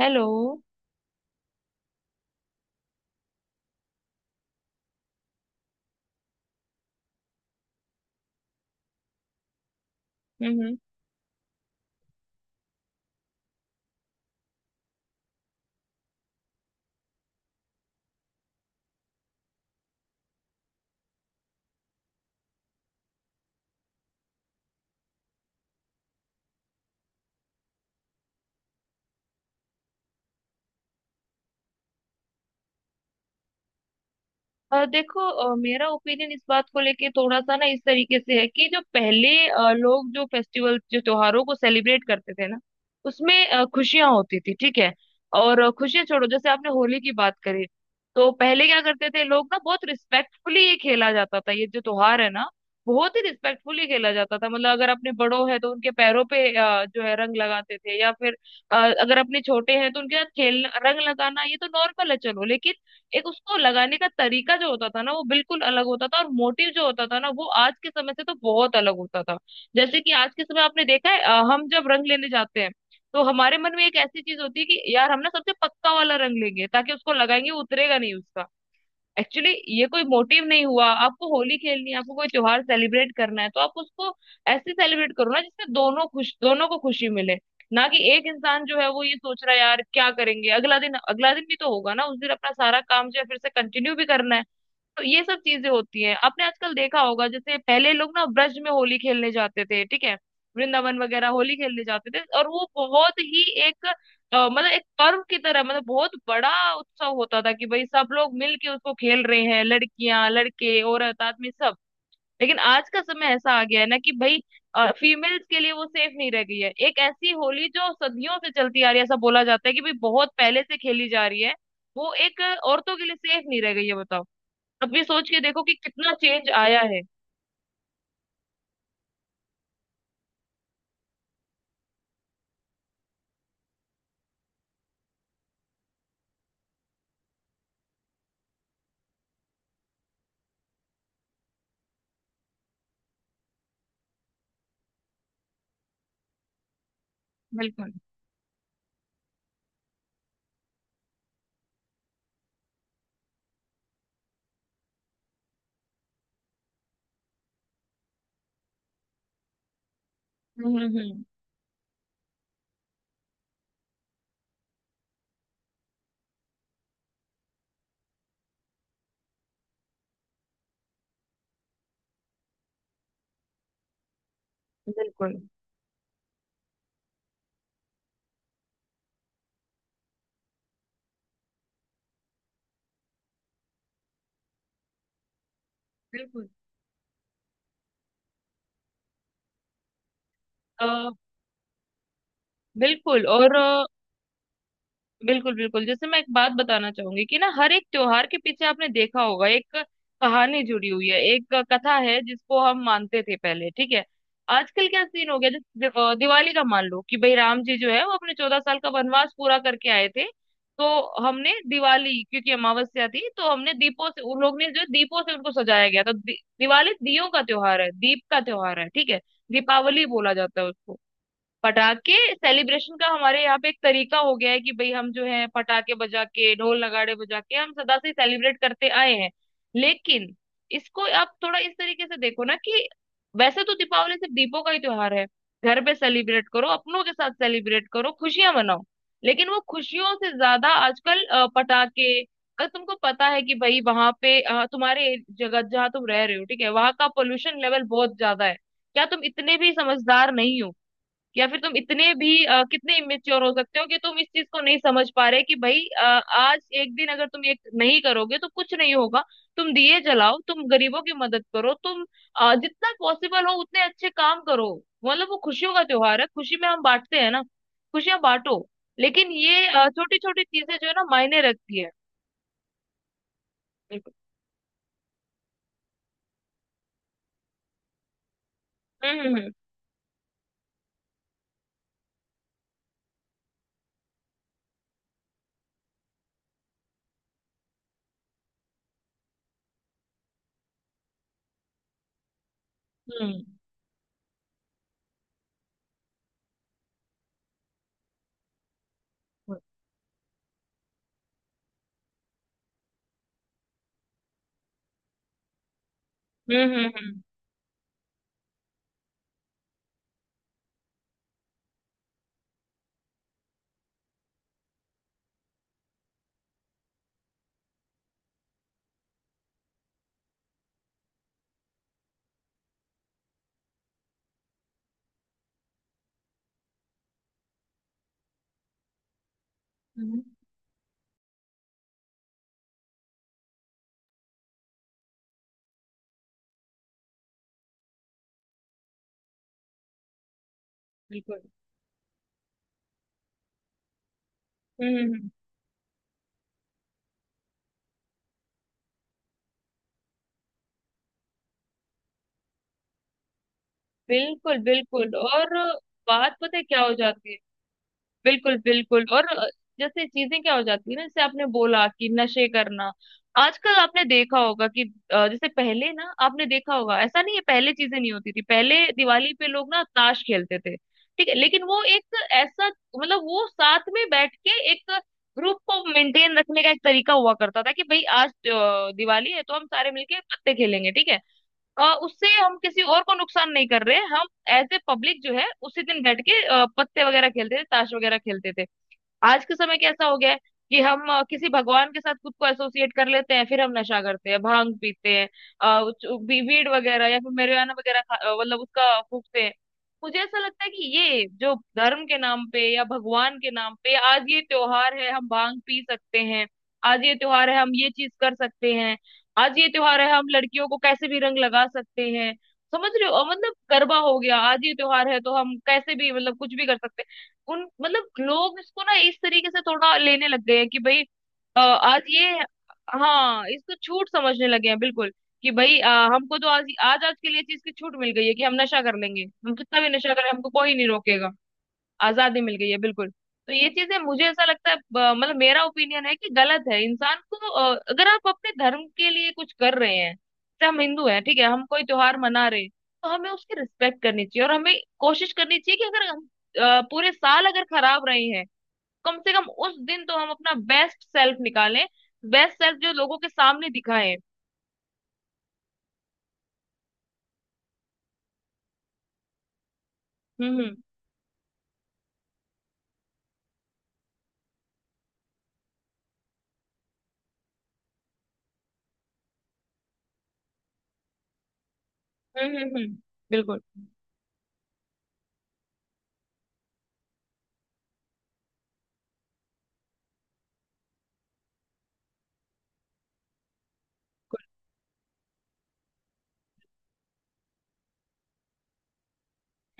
Hello. हम्म हम्म। देखो, मेरा ओपिनियन इस बात को लेके थोड़ा सा ना इस तरीके से है कि जो पहले लोग जो फेस्टिवल जो त्योहारों को सेलिब्रेट करते थे ना, उसमें खुशियां होती थी, ठीक है। और खुशियां छोड़ो, जैसे आपने होली की बात करी, तो पहले क्या करते थे लोग ना, बहुत रिस्पेक्टफुली ये खेला जाता था, ये जो त्योहार है ना बहुत ही रिस्पेक्टफुली खेला जाता था। मतलब अगर अपने बड़ों हैं तो उनके पैरों पे जो है रंग लगाते थे, या फिर अगर अपने छोटे हैं तो उनके साथ खेलना रंग लगाना ये तो नॉर्मल है चलो। लेकिन एक उसको लगाने का तरीका जो होता था ना वो बिल्कुल अलग होता था, और मोटिव जो होता था ना वो आज के समय से तो बहुत अलग होता था। जैसे कि आज के समय आपने देखा है, हम जब रंग लेने जाते हैं तो हमारे मन में एक ऐसी चीज होती है कि यार हम ना सबसे पक्का वाला रंग लेंगे, ताकि उसको लगाएंगे वो उतरेगा नहीं उसका, एक्चुअली। ये कोई मोटिव नहीं हुआ। आपको होली खेलनी है, आपको कोई त्योहार सेलिब्रेट करना है तो आप उसको ऐसे सेलिब्रेट करो ना जिससे दोनों खुश, दोनों को खुशी मिले। ना कि एक इंसान जो है वो ये सोच रहा है यार क्या करेंगे अगला दिन, अगला दिन भी तो होगा ना, उस दिन अपना सारा काम जो है फिर से कंटिन्यू भी करना है। तो ये सब चीजें होती हैं। आपने आजकल देखा होगा, जैसे पहले लोग ना ब्रज में होली खेलने जाते थे, ठीक है, वृंदावन वगैरह होली खेलने जाते थे, और वो बहुत ही एक मतलब एक पर्व की तरह, मतलब बहुत बड़ा उत्सव होता था कि भाई सब लोग मिल के उसको खेल रहे हैं, लड़कियां लड़के औरत आदमी सब। लेकिन आज का समय ऐसा आ गया है ना कि भाई फीमेल्स के लिए वो सेफ नहीं रह गई है। एक ऐसी होली जो सदियों से चलती आ रही है, ऐसा बोला जाता है कि भाई बहुत पहले से खेली जा रही है, वो एक औरतों के लिए सेफ नहीं रह गई है, बताओ। अब ये सोच के देखो कि कितना चेंज आया है। बिल्कुल। हम्म। बिल्कुल बिल्कुल। अ, बिल्कुल। और बिल्कुल बिल्कुल, जैसे मैं एक बात बताना चाहूंगी कि ना हर एक त्योहार के पीछे आपने देखा होगा एक कहानी जुड़ी हुई है, एक कथा है जिसको हम मानते थे पहले, ठीक है। आजकल क्या सीन हो गया, जैसे दिवाली का मान लो कि भाई राम जी जो है वो अपने 14 साल का वनवास पूरा करके आए थे। तो हमने दिवाली, क्योंकि अमावस्या थी तो हमने दीपों से, उन लोग ने जो दीपों से उनको सजाया गया था। दिवाली दियों का त्योहार है, दीप का त्योहार है, ठीक है। दीपावली बोला जाता है उसको। पटाखे सेलिब्रेशन का हमारे यहाँ पे एक तरीका हो गया है कि भाई हम जो है पटाखे बजा के ढोल नगाड़े बजा के हम सदा से सेलिब्रेट करते आए हैं। लेकिन इसको आप थोड़ा इस तरीके से देखो ना कि वैसे तो दीपावली सिर्फ दीपों का ही त्योहार है। घर पे सेलिब्रेट करो, अपनों के साथ सेलिब्रेट करो, खुशियां मनाओ। लेकिन वो खुशियों से ज्यादा आजकल पटाखे, अगर तुमको पता है कि भाई वहां पे तुम्हारे जगह जहाँ तुम रह रहे हो, ठीक है, वहां का पोल्यूशन लेवल बहुत ज्यादा है, क्या तुम इतने भी समझदार नहीं हो? या फिर तुम इतने भी कितने इमेच्योर हो सकते हो कि तुम इस चीज को नहीं समझ पा रहे कि भाई आज एक दिन अगर तुम ये नहीं करोगे तो कुछ नहीं होगा। तुम दिए जलाओ, तुम गरीबों की मदद करो, तुम जितना पॉसिबल हो उतने अच्छे काम करो। मतलब वो खुशियों का त्योहार है, खुशी में हम बांटते हैं ना, खुशियां बांटो। लेकिन ये छोटी छोटी चीजें जो है ना मायने रखती है। बिल्कुल। हम्म हम्म हम्म। हम्म। बिल्कुल। हम्म। हम्म। बिल्कुल बिल्कुल। और बात पता है क्या हो जाती है। बिल्कुल बिल्कुल। और जैसे चीजें क्या हो जाती है ना, जैसे आपने बोला कि नशे करना। आजकल आपने देखा होगा कि जैसे पहले ना आपने देखा होगा, ऐसा नहीं है पहले चीजें नहीं होती थी, पहले दिवाली पे लोग ना ताश खेलते थे, ठीक है। लेकिन वो एक ऐसा, मतलब वो साथ में बैठ के एक ग्रुप को मेंटेन रखने का एक तरीका हुआ करता था कि भाई आज दिवाली है तो हम सारे मिलके पत्ते खेलेंगे, ठीक है। उससे हम किसी और को नुकसान नहीं कर रहे, हम एज ए पब्लिक जो है उसी दिन बैठ के पत्ते वगैरह खेलते थे, ताश वगैरह खेलते थे। आज के समय कैसा हो गया है कि हम किसी भगवान के साथ खुद को एसोसिएट कर लेते हैं, फिर हम नशा करते हैं, भांग पीते हैं, अ, वीड वगैरह, या फिर marijuana वगैरह मतलब उसका फूकते हैं। मुझे ऐसा लगता है कि ये जो धर्म के नाम पे या भगवान के नाम पे, आज ये त्योहार है हम भांग पी सकते हैं, आज ये त्योहार है हम ये चीज कर सकते हैं, आज ये त्योहार है हम लड़कियों को कैसे भी रंग लगा सकते हैं, समझ रहे हो? मतलब गरबा हो गया, आज ये त्योहार है तो हम कैसे भी मतलब कुछ भी कर सकते हैं। उन मतलब लोग इसको ना इस तरीके से थोड़ा लेने लग गए हैं कि भाई आज ये, हाँ इसको छूट समझने लगे हैं बिल्कुल। कि भाई हमको तो आज आज आज के लिए चीज की छूट मिल गई है कि हम नशा कर लेंगे, हम कितना भी नशा करें हमको कोई नहीं रोकेगा, आजादी मिल गई है, बिल्कुल। तो ये चीजें मुझे ऐसा लगता है मतलब मेरा ओपिनियन है कि गलत है। इंसान को अगर आप अपने धर्म के लिए कुछ कर रहे हैं, जैसे हम हिंदू हैं, ठीक है, हम कोई त्योहार मना रहे हैं, तो हमें उसकी रिस्पेक्ट करनी चाहिए, और हमें कोशिश करनी चाहिए कि अगर हम पूरे साल अगर खराब रहे हैं, कम से कम उस दिन तो हम अपना बेस्ट सेल्फ निकालें, बेस्ट सेल्फ जो लोगों के सामने दिखाएं। हम्म हम्म हम्म। बिल्कुल।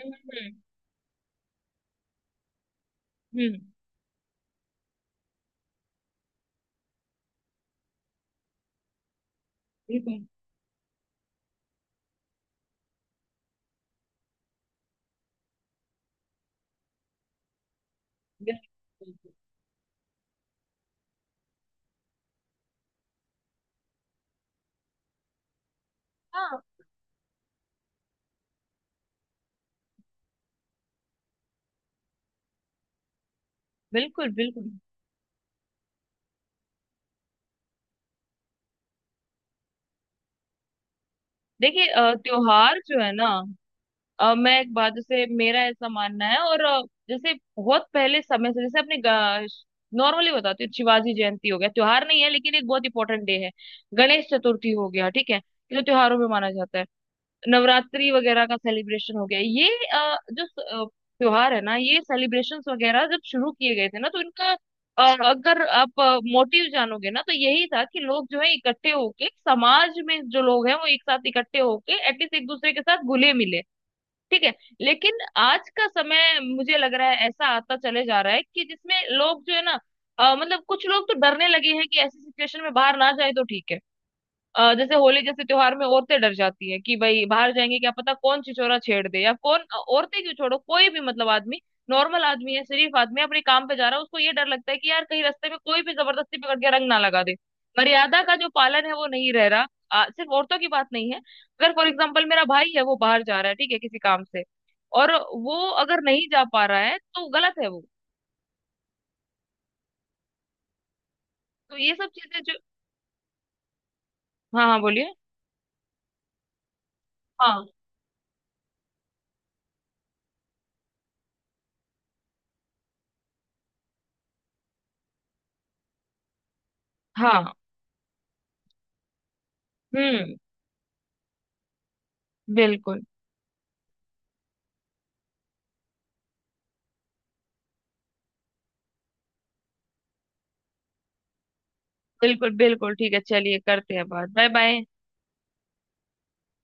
हम्म हम्म हम्म। बिल्कुल बिल्कुल। हाँ। बिल्कुल बिल्कुल। देखिए, त्योहार जो है ना, मैं एक बात, जैसे मेरा ऐसा मानना है, और जैसे बहुत पहले समय से जैसे अपने नॉर्मली बताती हूँ, शिवाजी जयंती हो गया, त्योहार नहीं है लेकिन एक बहुत इंपॉर्टेंट डे है, गणेश चतुर्थी हो गया, ठीक है ये तो त्योहारों में माना जाता है, नवरात्रि वगैरह का सेलिब्रेशन हो गया। ये अ, जो स- अ, त्योहार है ना, ये सेलिब्रेशंस वगैरह जब शुरू किए गए थे ना तो इनका, अ, अगर आप मोटिव जानोगे ना तो यही था कि लोग जो है इकट्ठे होके, समाज में जो लोग हैं वो एक साथ इकट्ठे होके एटलीस्ट एक दूसरे के साथ घुले मिले, ठीक है। लेकिन आज का समय मुझे लग रहा है ऐसा आता चले जा रहा है कि जिसमें लोग जो है ना मतलब कुछ लोग तो डरने लगे हैं कि ऐसी सिचुएशन में बाहर ना जाए तो ठीक है। जैसे होली जैसे त्योहार में औरतें डर जाती है कि भाई बाहर जाएंगे क्या पता कौन छिछोरा छेड़ दे, या कौन औरतें क्यों छोड़ो, कोई भी, मतलब आदमी, नॉर्मल आदमी है, शरीफ आदमी है, अपने काम पे जा रहा है, उसको ये डर लगता है कि यार कहीं रास्ते में कोई भी जबरदस्ती पकड़ के रंग ना लगा दे। मर्यादा का जो पालन है वो नहीं रह रहा। सिर्फ औरतों की बात नहीं है, अगर फॉर एग्जाम्पल मेरा भाई है, वो बाहर जा रहा है ठीक है किसी काम से, और वो अगर नहीं जा पा रहा है तो गलत है वो। तो ये सब चीजें जो, हाँ हाँ बोलिए। हाँ हाँ। हम्म। बिल्कुल बिल्कुल बिल्कुल ठीक है, चलिए करते हैं बात, बाय बाय।